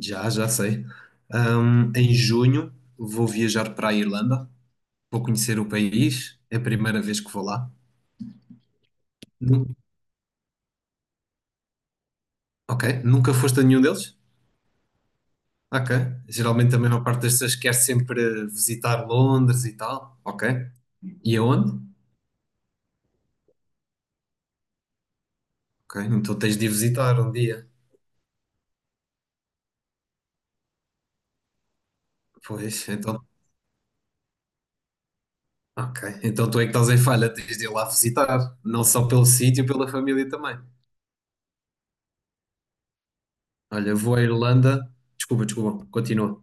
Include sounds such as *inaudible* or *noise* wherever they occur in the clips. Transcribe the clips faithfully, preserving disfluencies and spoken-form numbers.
Já, já sei. Ahm, em junho vou viajar para a Irlanda, vou conhecer o país, é a primeira vez que vou lá. Nu- ok, nunca foste a nenhum deles? Ok. Geralmente a maior parte das pessoas quer sempre visitar Londres e tal. Ok. E aonde? Ok, então tens de ir visitar um dia. Pois, então. Ok, então tu é que estás em falha, tens de ir lá visitar, não só pelo sítio, pela família também. Olha, vou à Irlanda. Desculpa, desculpa, continua.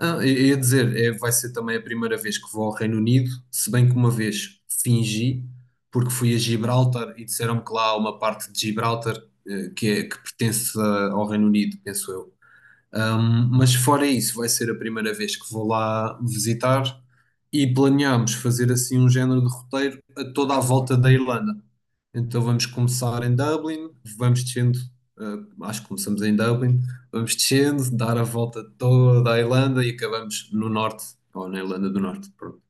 Ah, eu ia dizer, é, vai ser também a primeira vez que vou ao Reino Unido, se bem que uma vez fingi, porque fui a Gibraltar e disseram-me que lá há uma parte de Gibraltar eh, que, é, que pertence ah, ao Reino Unido, penso eu. Ahm, mas fora isso, vai ser a primeira vez que vou lá visitar e planeámos fazer assim um género de roteiro a toda a volta da Irlanda. Então vamos começar em Dublin, vamos descendo, eh, acho que começamos em Dublin, vamos descendo, dar a volta toda a Irlanda e acabamos no norte, ou na Irlanda do Norte, pronto.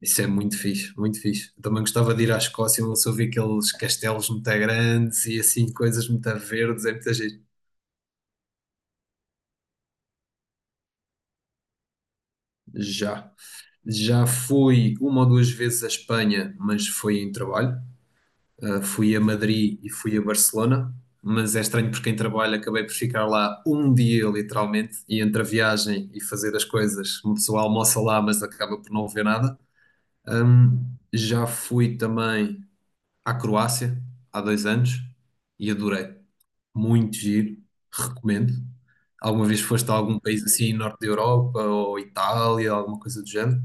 Isso é muito fixe, muito fixe. Eu também gostava de ir à Escócia, onde só vi aqueles castelos muito grandes e assim, coisas muito verdes, é muito giro. Já. Já fui uma ou duas vezes à Espanha, mas foi em trabalho. Uh, fui a Madrid e fui a Barcelona, mas é estranho porque quem trabalha acabei por ficar lá um dia, literalmente, e entre a viagem e fazer as coisas, uma pessoa almoça lá, mas acaba por não ver nada. Um, já fui também à Croácia há dois anos e adorei. Muito giro, recomendo. Alguma vez foste a algum país assim, norte da Europa ou Itália, alguma coisa do género?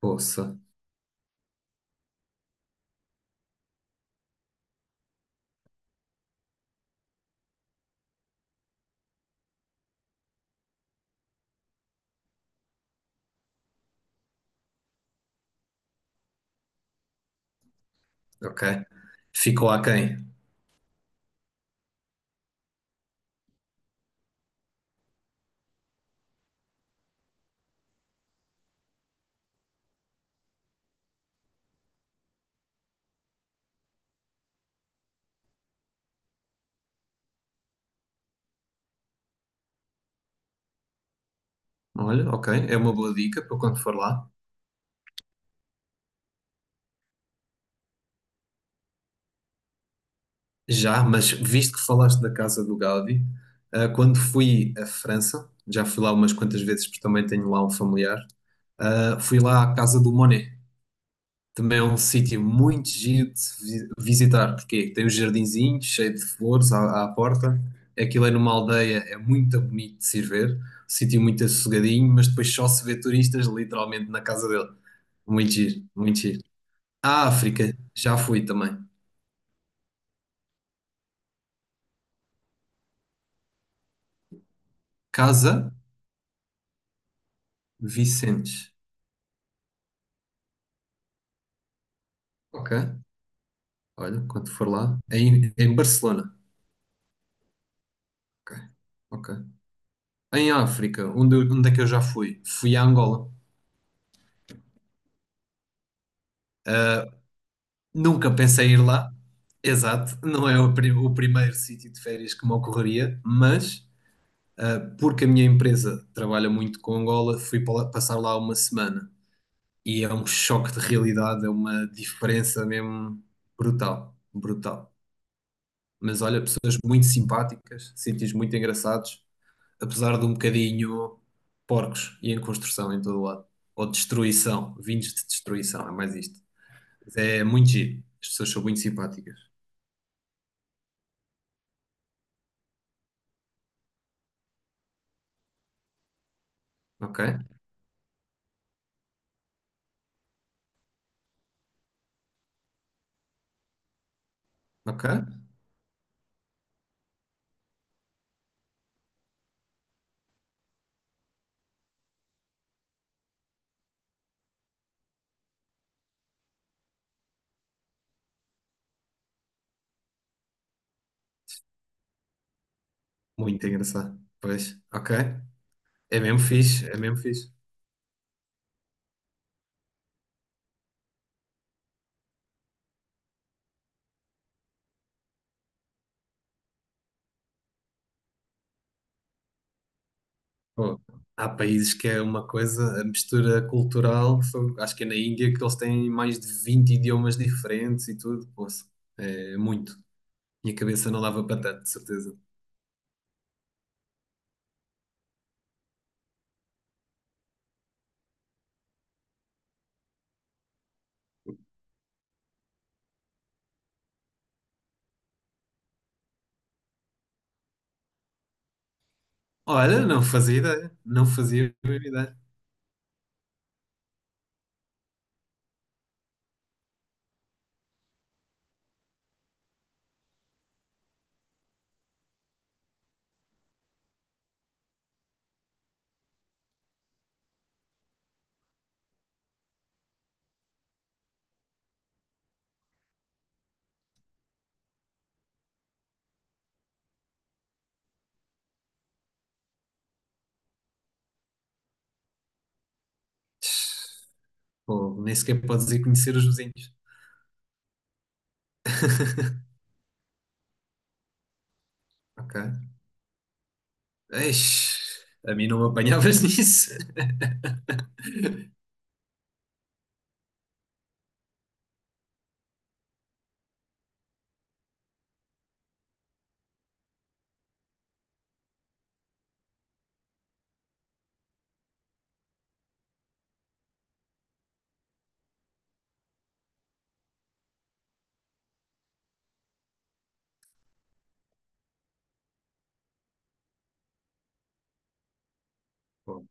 Poça, ok. Ficou aquém. Olha, ok, é uma boa dica para quando for lá. Já, mas visto que falaste da casa do Gaudi, ah, quando fui à França, já fui lá umas quantas vezes porque também tenho lá um familiar, ah, fui lá à casa do Monet. Também é um sítio muito giro de se vi- visitar, porque tem os jardinzinhos cheio de flores à, à porta. Aquilo é numa aldeia, é muito bonito de se ir ver, sítio muito assossegadinho, mas depois só se vê turistas literalmente na casa dele. Muito giro, muito giro. À África, já fui também. Casa Vicentes. Ok. Olha, quando for lá, é em, é em Barcelona. Ok. Ok. Em África, onde, eu- onde é que eu já fui? Fui a Angola. Nunca pensei em ir lá. Exato, não é o, pri- o primeiro sítio de férias que me ocorreria, mas ah, porque a minha empresa trabalha muito com Angola, fui pa- passar lá uma semana e é um choque de realidade, é uma diferença mesmo brutal, brutal. Mas olha, pessoas muito simpáticas, sítios muito engraçados. Apesar de um bocadinho porcos e em construção em todo o lado. Ou destruição, vindos de destruição, é mais isto. Mas é muito giro. As pessoas são muito simpáticas. Ok? Ok? Muito engraçado. Pois, ok. É mesmo fixe, é mesmo fixe. Pô, há países que é uma coisa, a mistura cultural, são- acho que é na Índia que eles têm mais de vinte idiomas diferentes e tudo. Pô, é muito. Minha cabeça não dava para tanto, de certeza. Olha, não fazia ideia. Não fazia a mínima ideia. Pô, nem sequer podes ir conhecer os vizinhos. Ok. Eish, a mim não me apanhavas *laughs* nisso. Pô,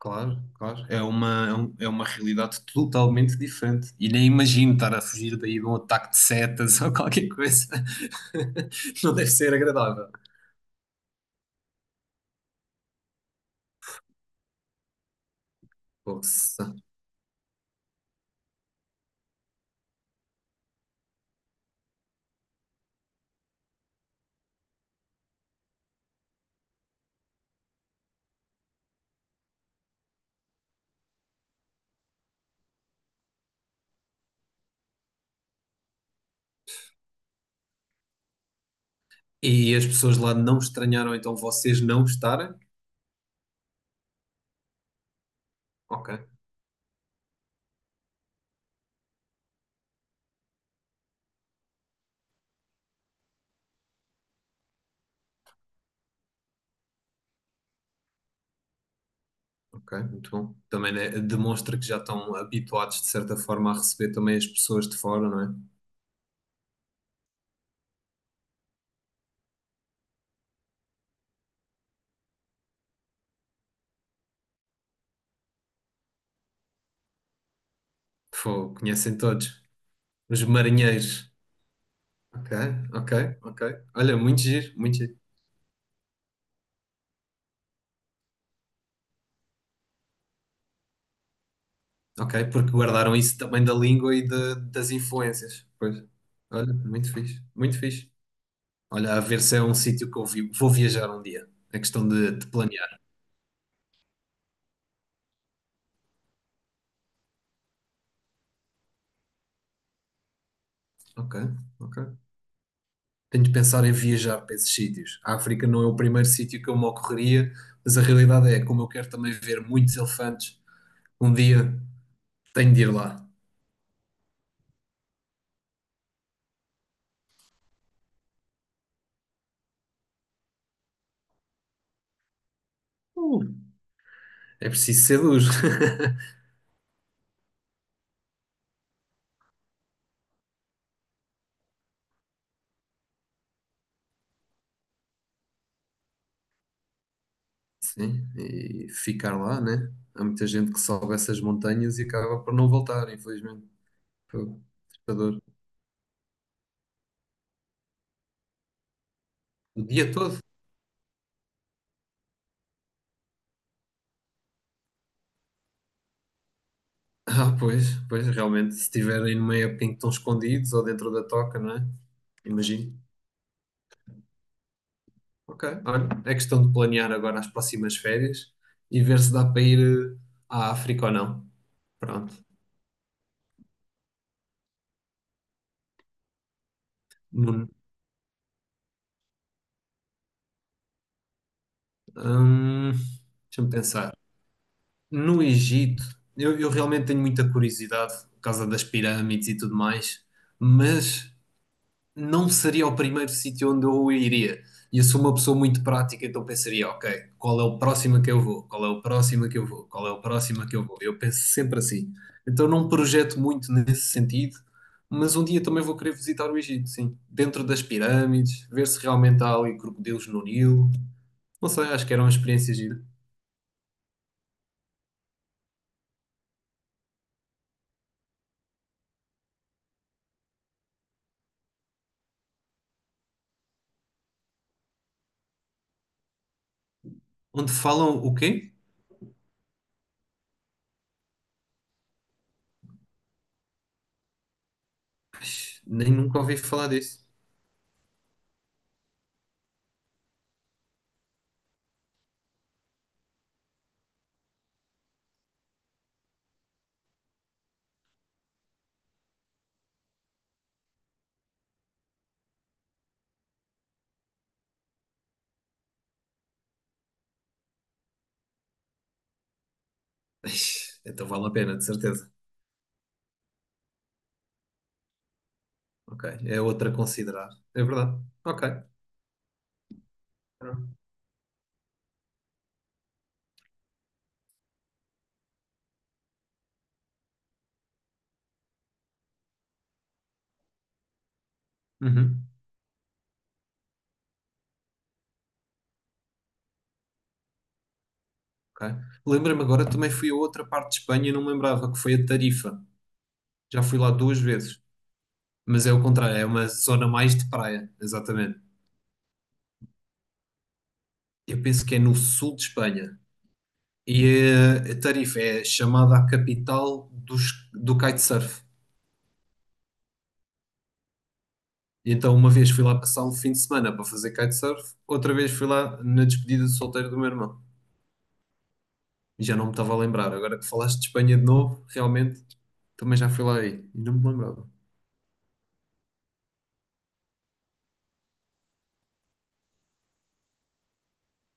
claro, claro. É uma, é um- é uma realidade totalmente diferente. E nem imagino estar a fugir daí de um ataque de setas *laughs* ou qualquer coisa. *laughs* Não deve ser agradável. Poxa. E as pessoas lá não estranharam então vocês não estarem? Ok, ok, muito bom. Também né, demonstra que já estão habituados de certa forma a receber também as pessoas de fora, não é? Pô, conhecem todos. Os marinheiros. Ok, ok, ok. Olha, muito giro, muito giro. Ok, porque guardaram isso também da língua e de- das influências. Pois. Olha, muito fixe, muito fixe. Olha, a ver se é um sítio que eu vi- vou viajar um dia. É questão de, de planear. Ok, ok. Tenho de pensar em viajar para esses sítios. A África não é o primeiro sítio que eu me ocorreria, mas a realidade é, como eu quero também ver muitos elefantes, um dia tenho de ir lá. Uh, é preciso ser duro. *laughs* Sim, e ficar lá, né? Há muita gente que sobe essas montanhas e acaba por não voltar, infelizmente. Pô, assustador. O dia todo. *laughs* Ah, pois, pois, realmente, se estiverem numa época em que estão escondidos ou dentro da toca, não é? Imagino. Ok, olha, é questão de planear agora as próximas férias e ver se dá para ir eh, à África ou não. Pronto. Hum, hum, Deixa-me pensar. No Egito, eu, eu realmente tenho muita curiosidade por causa das pirâmides e tudo mais, mas não seria o primeiro sítio onde eu iria. E eu sou uma pessoa muito prática, então pensaria, ok, qual é o próximo que eu vou? Qual é o próximo que eu vou? Qual é o próximo que eu vou? Eu penso sempre assim. Então não projeto muito nesse sentido, mas um dia também vou querer visitar o Egito, sim. Dentro das pirâmides, ver se realmente há ali crocodilos no Nilo. Não sei, acho que era uma experiência gira. Onde falam o quê? Nem nunca ouvi falar disso. Ixi, então vale a pena, de certeza. Ok. É outra a considerar. É verdade. Ok. Uhum. Ok. Lembra-me agora, também fui a outra parte de Espanha e não me lembrava, que foi a Tarifa. Já fui lá duas vezes. Mas é o contrário, é uma zona mais de praia, exatamente. Eu penso que é no sul de Espanha. E eh, a Tarifa é chamada a capital dos, do kitesurf. E então, uma vez fui lá passar um fim de semana para fazer kitesurf, outra vez fui lá na despedida de solteiro do meu irmão. Já não me estava a lembrar. Agora que falaste de Espanha de novo, realmente também já fui lá aí e não me lembrava.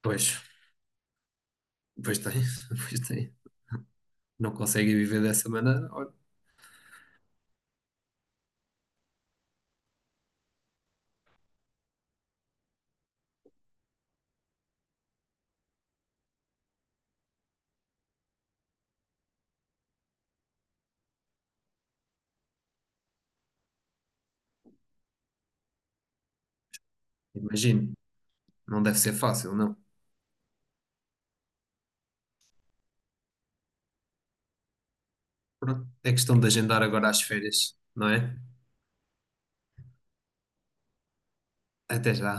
Pois, pois tem, *laughs* pois tem. Não conseguem viver dessa maneira? Olha, imagino, não deve ser fácil, não. Pronto, é questão de agendar agora as férias, não é? Até já.